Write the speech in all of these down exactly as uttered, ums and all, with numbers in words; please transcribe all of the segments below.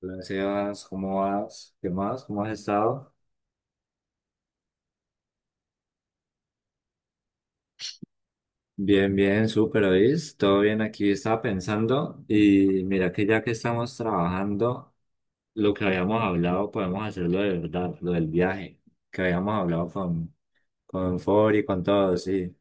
Hola, Sebas, ¿cómo vas? ¿Qué más? ¿Cómo has estado? Bien, bien, súper, ¿oís? Todo bien aquí, estaba pensando y mira que ya que estamos trabajando, lo que habíamos hablado podemos hacerlo de verdad, lo del viaje, que habíamos hablado con, con Fori, con todos, sí,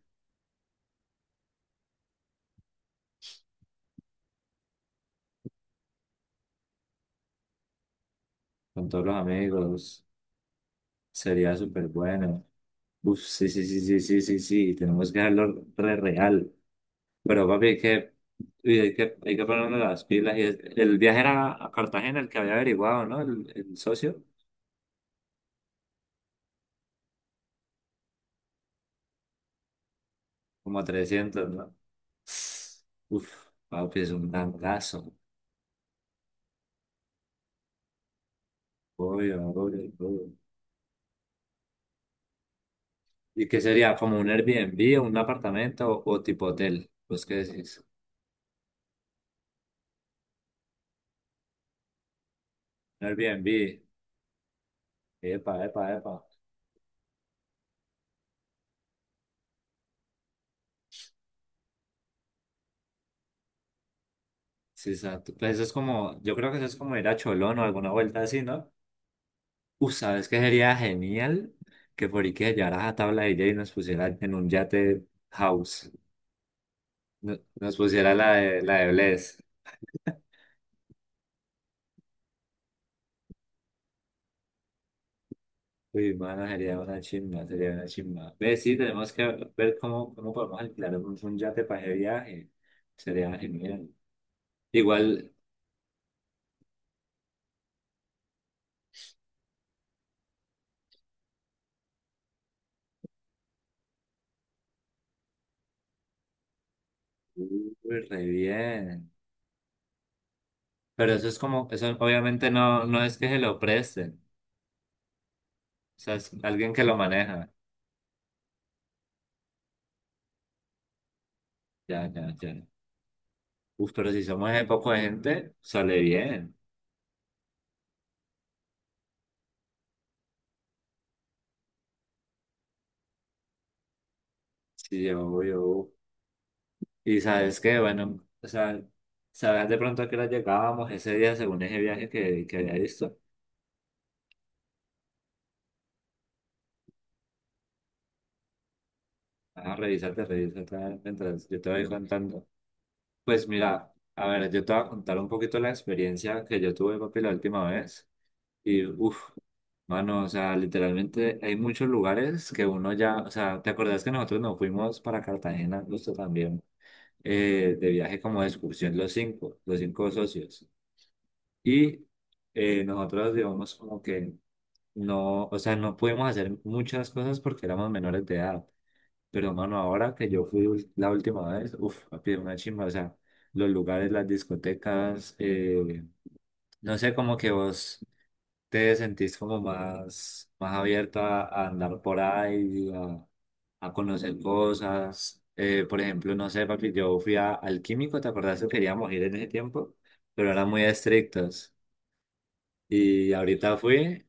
con todos los amigos, sería súper bueno. Uf, sí, sí, sí, sí, sí, sí, sí, tenemos que hacerlo re real. Pero papi, hay que, uy, hay que, hay que ponernos las pilas. Y es- el viaje era a Cartagena el que había averiguado, ¿no? El, el socio, como a trescientos, ¿no? Uf, papi, es un gangazo. Obvio, obvio, obvio. ¿Y qué sería? ¿Como un Airbnb o un apartamento o, o tipo hotel? Pues, ¿qué decís? Un Airbnb. Epa, epa, epa. Sí, exacto. Pues eso es como, yo creo que eso es como ir a Cholón o alguna vuelta así, ¿no? Uh, ¿sabes qué sería genial? Que Forique llevaras a tabla de D J y nos pusiera en un yate house. No- Nos pusiera la de, la de, Bless. Uy, mano, sería una chimba, sería una chimba. Ve, sí, tenemos que ver cómo, cómo, podemos alquilar un, un yate para ese viaje. Sería genial. Igual, uy, re bien. Pero eso es como, eso obviamente no, no es que se lo presten. O sea, es alguien que lo maneja. Ya, ya, ya. Uf, pero si somos ese poco de gente, sale bien. Sí, obvio. Y sabes qué, bueno, o sea, sabes de pronto a qué hora llegábamos ese día según ese viaje que, que, había visto. Ah, revísate, revísate ah, mientras yo te voy contando. Pues mira, a ver, yo te voy a contar un poquito la experiencia que yo tuve, papi, la última vez. Y uff, mano, o sea, literalmente hay muchos lugares que uno ya, o sea, ¿te acordás que nosotros nos fuimos para Cartagena justo también? Eh, de viaje como de excursión los cinco, los cinco, socios. Y eh, nosotros, digamos, como que no, o sea, no pudimos hacer muchas cosas porque éramos menores de edad. Pero, mano, ahora que yo fui ul- la última vez, uff, papi, una chimba, o sea, los lugares, las discotecas, eh, no sé, como que vos te sentís como más, más abierto a, a andar por ahí, a, a conocer cosas. Eh, por ejemplo, no sé, papi, yo fui a, al químico, ¿te acordás que queríamos ir en ese tiempo? Pero eran muy estrictos. Y ahorita fui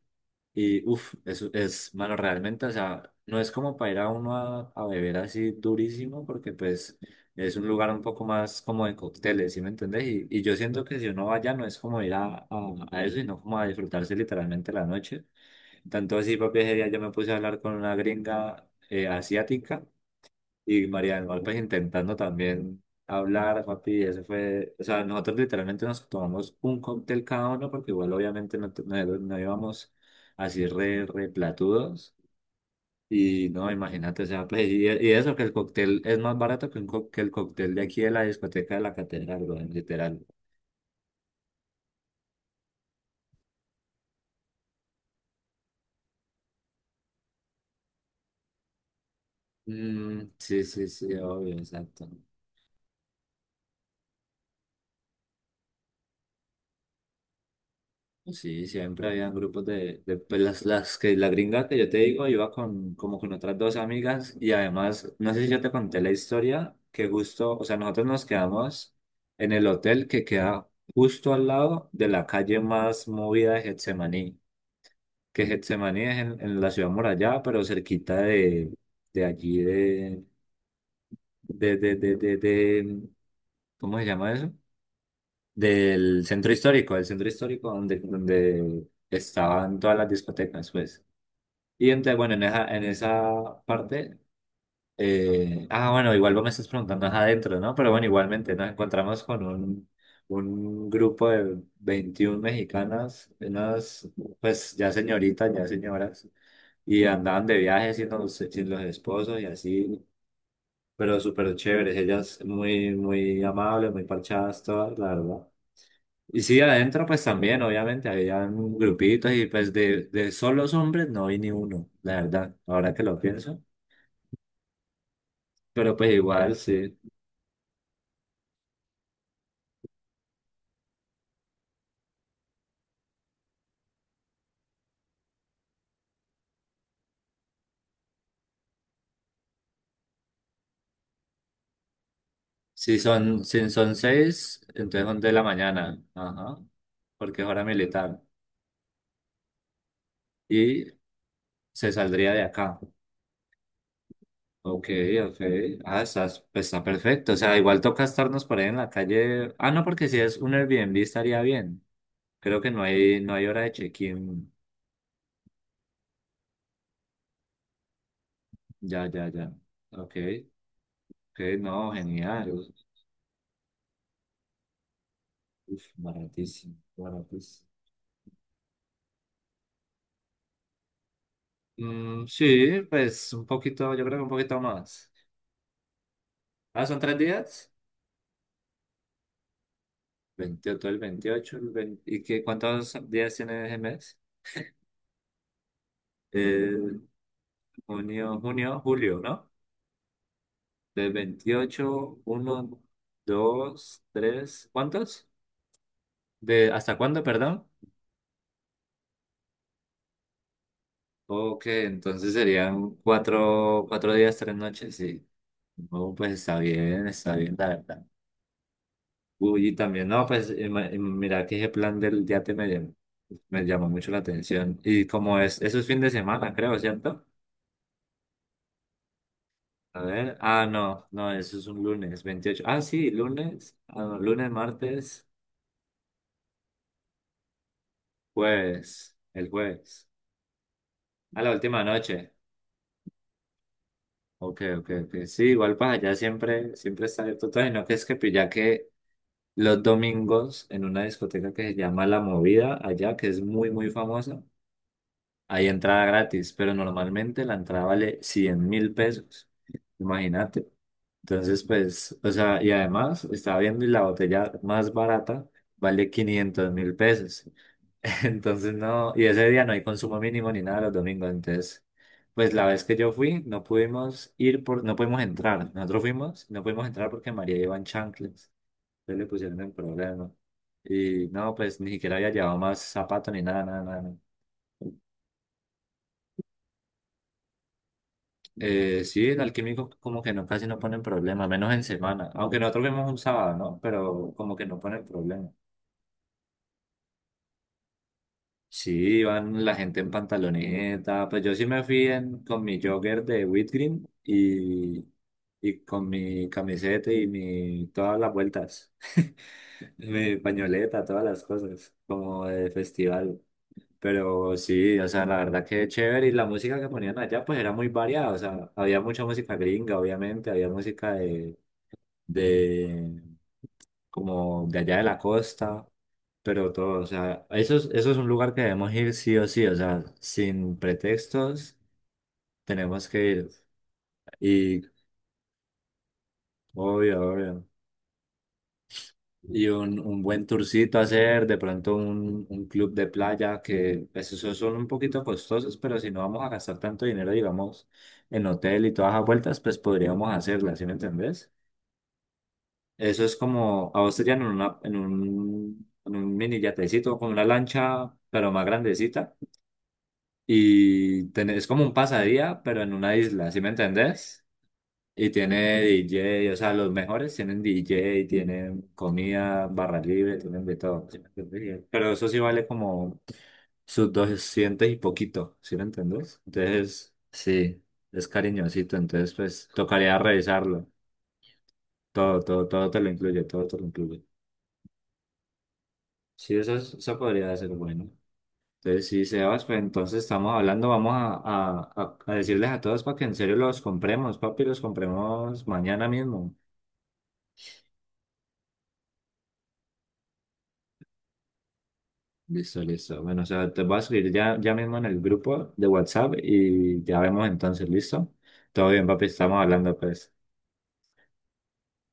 y uff, es, es, malo realmente, o sea, no es como para ir a uno a, a beber así durísimo, porque pues es un lugar un poco más como de cócteles, ¿sí me entendés? Y, y yo siento que si uno va allá no es como ir a, a, a eso, sino como a disfrutarse literalmente la noche. Tanto así, papi, ese día yo me puse a hablar con una gringa eh, asiática y Marian López intentando también hablar, papi, ese fue, o sea, nosotros literalmente nos tomamos un cóctel cada uno, porque igual obviamente no, te- no, no íbamos así re, re, platudos, y no, imagínate, o sea, pues, y, y eso que el cóctel es más barato que, un co- que el cóctel de aquí de la discoteca de la catedral, weón, literal. Mm, sí, sí, sí, obvio, exacto. Sí, siempre habían grupos de, de, pues, las, las que la gringa que yo te digo, iba con como con otras dos amigas y además, no sé si yo te conté la historia, que justo, o sea, nosotros nos quedamos en el hotel que queda justo al lado de la calle más movida de Getsemaní, que Getsemaní es en, en, la ciudad murallada, pero cerquita de, de allí de, de, de, de, de, de- ¿cómo se llama eso? del centro histórico, del centro histórico, donde, donde, estaban todas las discotecas, pues. Y entonces, bueno, en esa, en esa parte, eh, ah, bueno, igual vos me estás preguntando ajá, adentro, ¿no? Pero bueno, igualmente nos encontramos con un, un, grupo de veintiuna mexicanas, unas, pues ya señoritas, ya señoras, y andaban de viaje sin los, sin los esposos y así. Pero súper chéveres, ellas muy, muy amables, muy parchadas todas, la verdad. Y sí, adentro pues también, obviamente, había un grupitos y pues de, de, solos hombres no vi ni uno, la verdad, ahora que lo pienso. Pero pues igual, sí. Si son, si son seis, entonces son de la mañana, ajá, porque es hora militar. Y se saldría de acá. Ok, ok. Ah, está, pues está perfecto. O sea, igual toca estarnos por ahí en la calle. Ah, no, porque si es un Airbnb estaría bien. Creo que no hay, no hay hora de check-in. Ya, ya, ya. Ok. Ok, no, genial. Uf, baratísimo, baratísimo. Mm, sí, pues un poquito, yo creo que un poquito más. Ah, son tres días. Veintiocho, el veintiocho, el veinte, ¿y qué, cuántos días tiene ese mes? Eh, junio, junio, julio, ¿no? De veintiocho, uno, dos, tres, ¿cuántos? De, ¿hasta cuándo, perdón? Ok, entonces serían cuatro, cuatro días, tres noches, sí. Oh, pues está bien, está bien, la verdad. Uy, y también, no, pues ima- im- mira que ese plan del yate me, llam- me llamó mucho la atención. Y como es, eso es fin de semana, creo, ¿cierto? A ver, ah, no, no, eso es un lunes, veintiocho. Ah, sí, lunes, ah, no, lunes, martes, jueves, el jueves, a la última noche. Ok, ok, ok. Sí, igual para allá siempre, siempre está abierto todo. Y no que es que pues, ya que los domingos en una discoteca que se llama La Movida, allá, que es muy, muy famosa. Hay entrada gratis, pero normalmente la entrada vale cien mil pesos, imagínate. Entonces, pues, o sea, y además estaba viendo y la botella más barata vale quinientos mil pesos. Entonces, no, y ese día no hay consumo mínimo ni nada los domingos. Entonces, pues la vez que yo fui, no pudimos ir por, no pudimos entrar. Nosotros fuimos, no pudimos entrar porque María iba en chanclas. Entonces le pusieron el problema. Y no, pues ni siquiera había llevado más zapatos ni nada, nada, nada. Eh, sí, en alquímico como que no, casi no ponen problema, menos en semana. Aunque nosotros vemos un sábado, ¿no? Pero como que no ponen problema. Sí, van la gente en pantaloneta. Pues yo sí me fui en- con mi jogger de Whitgreen y, y con mi camiseta y mi, todas las vueltas. Mi pañoleta, todas las cosas, como de festival. Pero sí, o sea, la verdad que chévere. Y la música que ponían allá, pues era muy variada. O sea, había mucha música gringa, obviamente, había música de como de allá de la costa, pero todo, o sea, eso es, eso es, un lugar que debemos ir sí o sí, o sea, sin pretextos tenemos que ir. Y obvio, obvio. Y un, un buen tourcito hacer, de pronto un, un club de playa, que pues, esos son un poquito costosos, pero si no vamos a gastar tanto dinero, digamos, en hotel y todas las vueltas, pues podríamos hacerlas, ¿sí me entendés? Eso es como, a vos te llevan en, una, en un, en un mini yatecito, con una lancha, pero más grandecita. Y tenés, es como un pasadía, pero en una isla, ¿sí me entendés? Y tiene D J, o sea, los mejores tienen D J, tienen comida, barra libre, tienen de todo. ¿Sí me entendés? Pero eso sí vale como sus doscientos y poquito, ¿sí me entendés? Entonces, sí, es cariñosito, entonces pues tocaría revisarlo. Todo, todo, todo te lo incluye, todo te lo incluye. Sí, eso, es- eso podría ser bueno. Entonces, sí, Sebas, pues entonces estamos hablando, vamos a, a, a, a decirles a todos para que en serio los compremos, papi, los compremos mañana mismo. Listo, listo. Bueno, o sea, te voy a escribir ya, ya mismo en el grupo de WhatsApp y ya vemos entonces, ¿listo? Todo bien, papi, estamos hablando, pues.